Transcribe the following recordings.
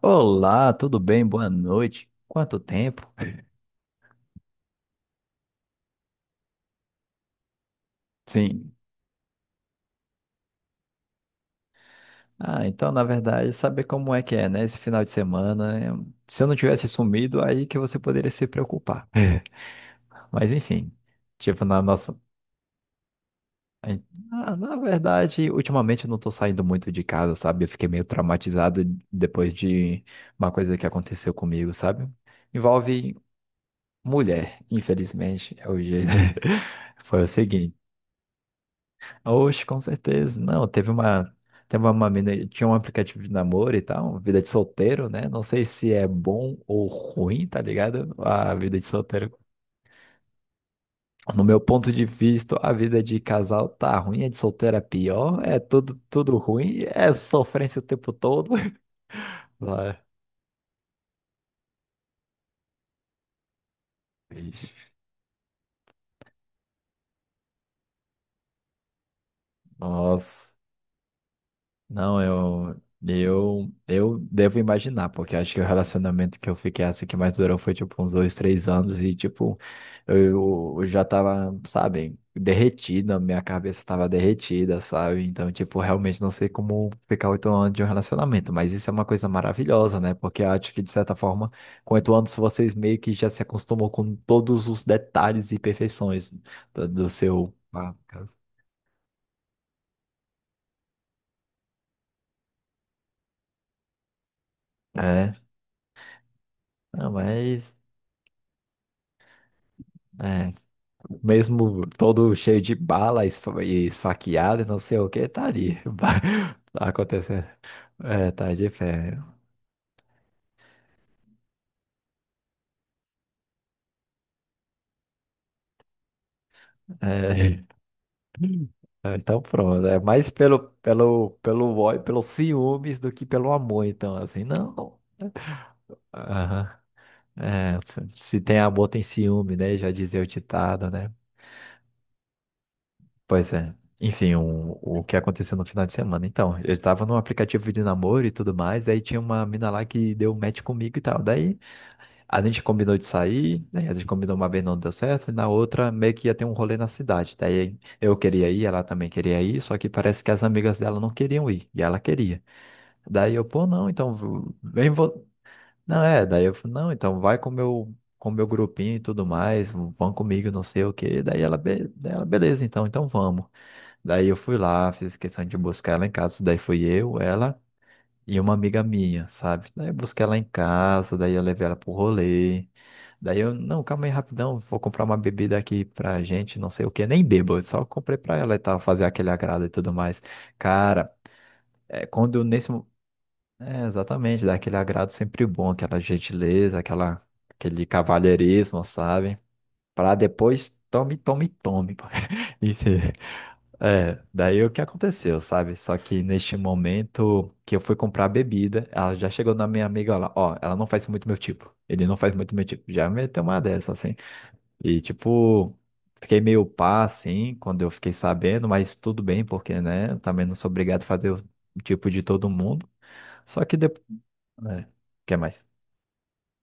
Olá, tudo bem? Boa noite. Quanto tempo? Sim. Ah, então, na verdade, saber como é que é, né? Esse final de semana, se eu não tivesse sumido, aí que você poderia se preocupar. Mas, enfim, tipo, na nossa. aí- Ah, na verdade, ultimamente eu não tô saindo muito de casa, sabe? Eu fiquei meio traumatizado depois de uma coisa que aconteceu comigo, sabe? Envolve mulher, infelizmente, é o jeito. Foi o seguinte. Oxe, com certeza. Não, teve uma. Teve uma mina, tinha um aplicativo de namoro e tal, vida de solteiro, né? Não sei se é bom ou ruim, tá ligado? A vida de solteiro. No meu ponto de vista, a vida de casal tá ruim, a de solteiro é pior, é tudo, tudo ruim, é sofrência o tempo todo. Lá. Ixi. Nossa. Não, eu devo imaginar, porque acho que o relacionamento que eu fiquei assim que mais durou foi tipo uns dois, três anos e tipo, eu já tava, sabe, derretida, minha cabeça tava derretida, sabe? Então, tipo, realmente não sei como ficar oito anos de um relacionamento, mas isso é uma coisa maravilhosa, né? Porque eu acho que de certa forma, com oito anos vocês meio que já se acostumam com todos os detalhes e perfeições do seu. Ah, cara. É, não, mas. É. Mesmo todo cheio de bala e esfaqueado e não sei o que, tá ali. Tá acontecendo. É, tá de fé. É. Ah, então pronto, é mais pelo ódio, pelos ciúmes do que pelo amor, então, assim, não, não. Aham. É, se tem amor, tem ciúme, né? Já dizia o ditado, né? Pois é. Enfim, o que aconteceu no final de semana. Então, eu tava num aplicativo de namoro e tudo mais, daí tinha uma mina lá que deu match comigo e tal. Daí a gente combinou de sair, né? A gente combinou uma vez não deu certo, e na outra meio que ia ter um rolê na cidade. Daí eu queria ir, ela também queria ir, só que parece que as amigas dela não queriam ir, e ela queria. Daí eu, pô, não, então vem vo... Não, é, daí eu, falei, não, então vai com meu grupinho e tudo mais, vão comigo, não sei o quê. Daí ela, daí ela, beleza, então, então vamos. Daí eu fui lá, fiz questão de buscar ela em casa, daí fui eu, ela e uma amiga minha, sabe? Daí eu busquei ela em casa, daí eu levei ela pro rolê. Daí eu, não, calma aí rapidão, vou comprar uma bebida aqui pra gente, não sei o que, nem bebo, eu só comprei pra ela e tal, fazer aquele agrado e tudo mais. Cara, é quando nesse. É, exatamente, dá aquele agrado sempre bom, aquela gentileza, aquela, aquele cavalheirismo, sabe? Pra depois tome, tome, tome. Pô. Enfim, é, daí o que aconteceu, sabe? Só que neste momento que eu fui comprar a bebida, ela já chegou na minha amiga, ela, ó, ela não faz muito meu tipo. Ele não faz muito meu tipo. Já meteu uma dessa, assim. E, tipo, fiquei meio pá, assim, quando eu fiquei sabendo, mas tudo bem, porque, né, eu também não sou obrigado a fazer o tipo de todo mundo. Só que depois. É, quer mais?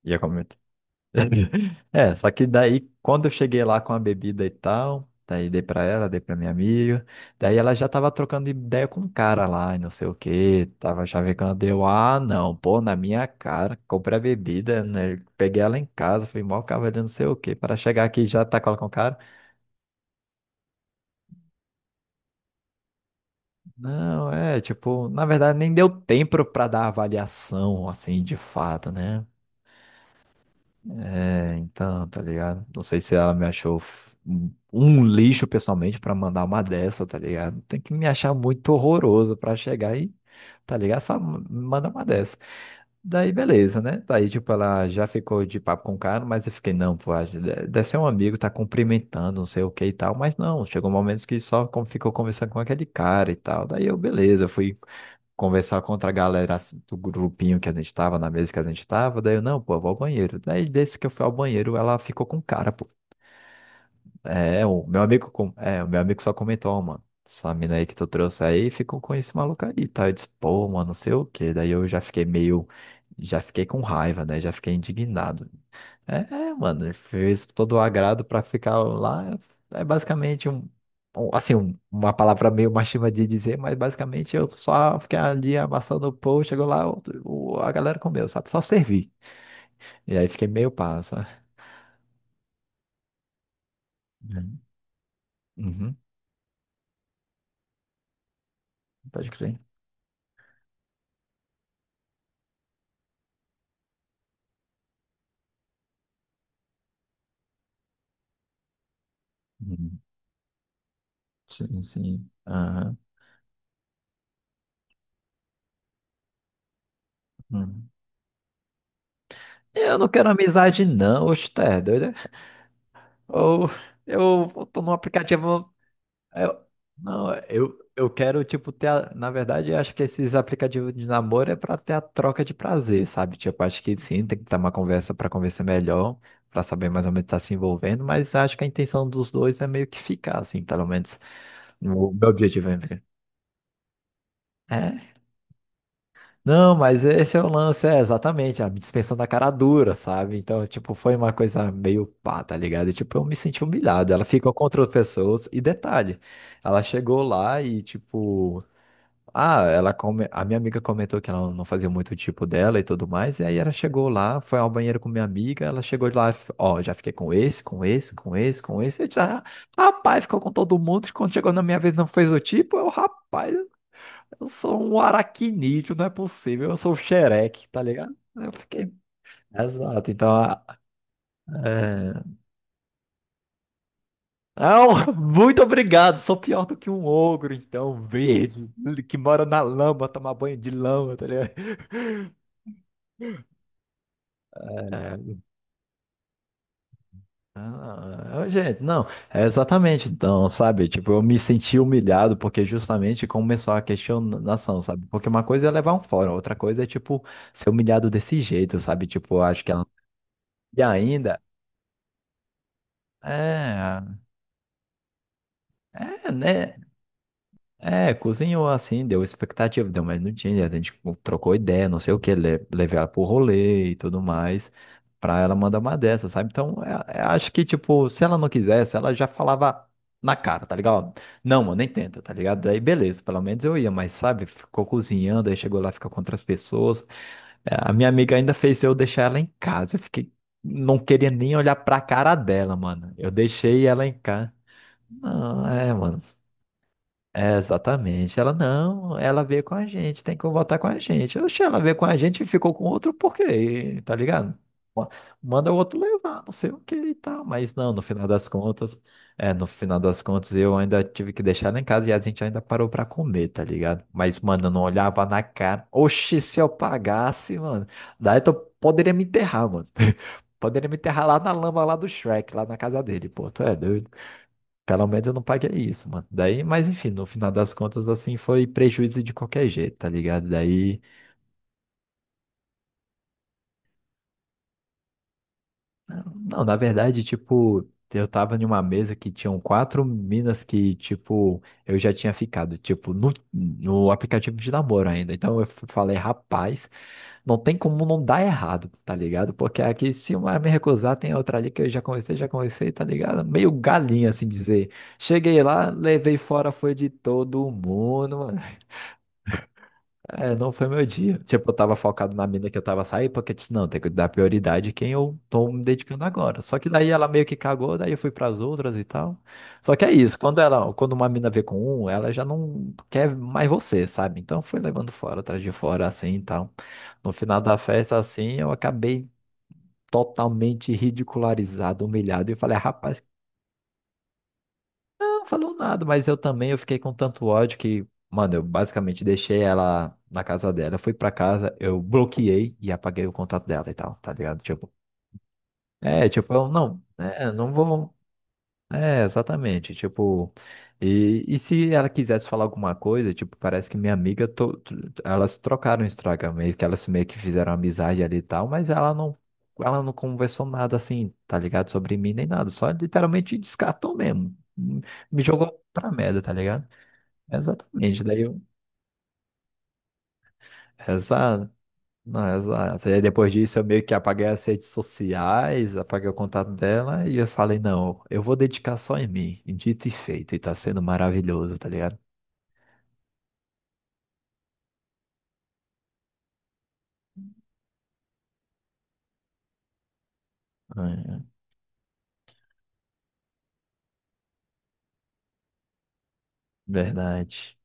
Ia comentar. É, só que daí, quando eu cheguei lá com a bebida e tal, daí dei pra ela, dei pra minha amiga, daí ela já tava trocando ideia com um cara lá e não sei o quê, tava chavecando, eu, ah, não, pô, na minha cara, comprei a bebida, né, peguei ela em casa, fui mal cavaleiro, não sei o que para chegar aqui e já tá com o cara. Não, é, tipo, na verdade nem deu tempo pra dar avaliação, assim, de fato, né? É, então, tá ligado? Não sei se ela me achou um um lixo pessoalmente pra mandar uma dessa, tá ligado? Tem que me achar muito horroroso pra chegar e, tá ligado? Fala, manda uma dessa. Daí, beleza, né? Daí, tipo, ela já ficou de papo com o cara, mas eu fiquei, não, pô, deve ser um amigo, tá cumprimentando, não sei o que e tal, mas não, chegou momentos que só como ficou conversando com aquele cara e tal. Daí eu, beleza, fui conversar contra a galera assim, do grupinho que a gente tava, na mesa que a gente tava, daí eu, não, pô, eu vou ao banheiro. Daí desse que eu fui ao banheiro, ela ficou com o cara, pô. É, o meu amigo, o meu amigo só comentou, ó, mano, essa mina aí que tu trouxe aí ficou com esse maluco aí, tá? Eu disse, pô, mano, não sei o quê. Daí eu já fiquei meio, já fiquei com raiva, né? Já fiquei indignado. É, é, mano, ele fez todo o agrado pra ficar lá. É basicamente uma palavra meio machista de dizer, mas basicamente eu só fiquei ali amassando o pão, chegou lá, a galera comeu, sabe? Só servi. E aí fiquei meio passa. Uhum. Uhum. Pode crer. Uhum. Sim, sim. Aham. Uhum. Eu não quero amizade, não, oxe, tá é doido? É? Ou eu tô num aplicativo. É, não, eu quero, tipo, ter. Na verdade, eu acho que esses aplicativos de namoro é pra ter a troca de prazer, sabe? Tipo, acho que sim, tem que ter uma conversa pra conversar melhor, pra saber mais ou menos estar se envolvendo, mas acho que a intenção dos dois é meio que ficar, assim, pelo menos. O meu objetivo é. Ficar. É. Não, mas esse é o lance, é exatamente, a dispensa da cara dura, sabe? Então, tipo, foi uma coisa meio pá, tá ligado? E, tipo, eu me senti humilhado. Ela ficou contra outras pessoas. E detalhe, ela chegou lá e, tipo. Ah, a minha amiga comentou que ela não fazia muito o tipo dela e tudo mais, e aí ela chegou lá, foi ao banheiro com minha amiga, ela chegou lá, ó, já fiquei com esse eu disse, ah, rapaz, ficou com todo mundo, e quando chegou na minha vez não fez o tipo, eu, rapaz, eu sou um aracnídeo, não é possível, eu sou o xereque, tá ligado? Eu fiquei, exato, então, ah, é... Ah, muito obrigado, sou pior do que um ogro, então, verde, que mora na lama, tomar banho de lama, tá ligado? É, ah, é, gente, não, é exatamente, então, sabe? Tipo, eu me senti humilhado porque justamente começou a questionação, sabe? Porque uma coisa é levar um fora, outra coisa é, tipo, ser humilhado desse jeito, sabe? Tipo, eu acho que ela. E ainda. É, é, né? É, cozinhou assim, deu expectativa, deu mas não tinha. A gente trocou ideia, não sei o que, le levei ela pro rolê e tudo mais, pra ela mandar uma dessa, sabe? Então, é, acho que, tipo, se ela não quisesse, ela já falava na cara, tá ligado? Não, mano, nem tenta, tá ligado? Daí, beleza, pelo menos eu ia, mas, sabe, ficou cozinhando, aí chegou lá, fica com outras pessoas. É, a minha amiga ainda fez eu deixar ela em casa, eu fiquei, não queria nem olhar pra cara dela, mano. Eu deixei ela em casa. Não, é, mano. É, exatamente. Ela não, ela veio com a gente, tem que voltar com a gente. Oxe, ela veio com a gente e ficou com outro por quê? Tá ligado? Ma- Manda o outro levar, não sei o que e tal. Mas não, no final das contas, é, no final das contas eu ainda tive que deixar ela em casa e a gente ainda parou pra comer, tá ligado? Mas, mano, eu não olhava na cara. Oxe, se eu pagasse, mano, daí tu poderia me enterrar, mano. Poderia me enterrar lá na lama lá do Shrek, lá na casa dele, pô, tu é doido. Pelo menos eu não paguei isso, mano. Daí, mas enfim, no final das contas, assim, foi prejuízo de qualquer jeito, tá ligado? Daí, não, na verdade, tipo, eu tava em uma mesa que tinham quatro minas que, tipo, eu já tinha ficado, tipo, no aplicativo de namoro ainda. Então eu falei, rapaz, não tem como não dar errado, tá ligado? Porque aqui, se uma me recusar, tem outra ali que já conversei, tá ligado? Meio galinha, assim dizer. Cheguei lá, levei fora, foi de todo mundo, mano. É, não foi meu dia. Tipo, eu tava focado na mina que eu tava saindo, porque eu disse, não, tem que dar prioridade a quem eu tô me dedicando agora. Só que daí ela meio que cagou, daí eu fui pras outras e tal. Só que é isso, quando uma mina vê com um, ela já não quer mais você, sabe? Então foi levando fora, atrás de fora, assim e tal. No final da festa, assim, eu acabei totalmente ridicularizado, humilhado, e eu falei, "Ah, rapaz, não falou nada, mas eu também eu fiquei com tanto ódio que, mano, eu basicamente deixei ela na casa dela. Eu fui pra casa, eu bloqueei e apaguei o contato dela e tal, tá ligado? Tipo, é, tipo, eu não, é, não vou. É, exatamente, tipo, e se ela quisesse falar alguma coisa, tipo, parece que minha amiga, elas trocaram o Instagram, meio que elas meio que fizeram amizade ali e tal, mas ela não conversou nada assim, tá ligado, sobre mim nem nada, só literalmente descartou mesmo, me jogou pra merda, tá ligado? Exatamente, daí eu, não, exato. E aí depois disso eu meio que apaguei as redes sociais, apaguei o contato dela e eu falei, não, eu vou dedicar só em mim. E dito e feito, e tá sendo maravilhoso, tá ligado? É, verdade.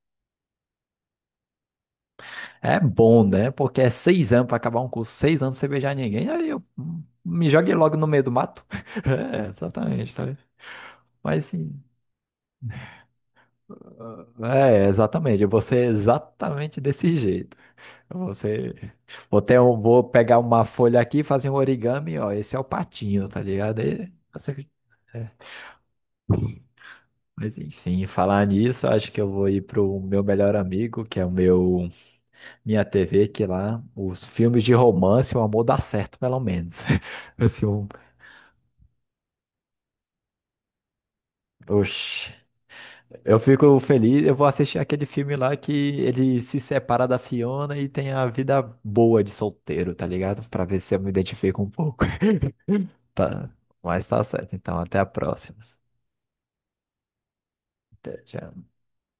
É bom, né? Porque é seis anos pra acabar um curso, seis anos sem beijar ninguém, aí eu me joguei logo no meio do mato. É, exatamente, tá ligado? Mas sim. É, exatamente. Eu vou ser exatamente desse jeito. Você... ter vou pegar uma folha aqui fazer um origami, ó. Esse é o patinho, tá ligado? É. Mas enfim, falar nisso, acho que eu vou ir pro meu melhor amigo, que é o meu minha TV, que lá os filmes de romance, o amor dá certo, pelo menos. Assim, oxi. Eu fico feliz, eu vou assistir aquele filme lá que ele se separa da Fiona e tem a vida boa de solteiro, tá ligado? Pra ver se eu me identifico um pouco. Tá, mas tá certo. Então, até a próxima. Até, tchau.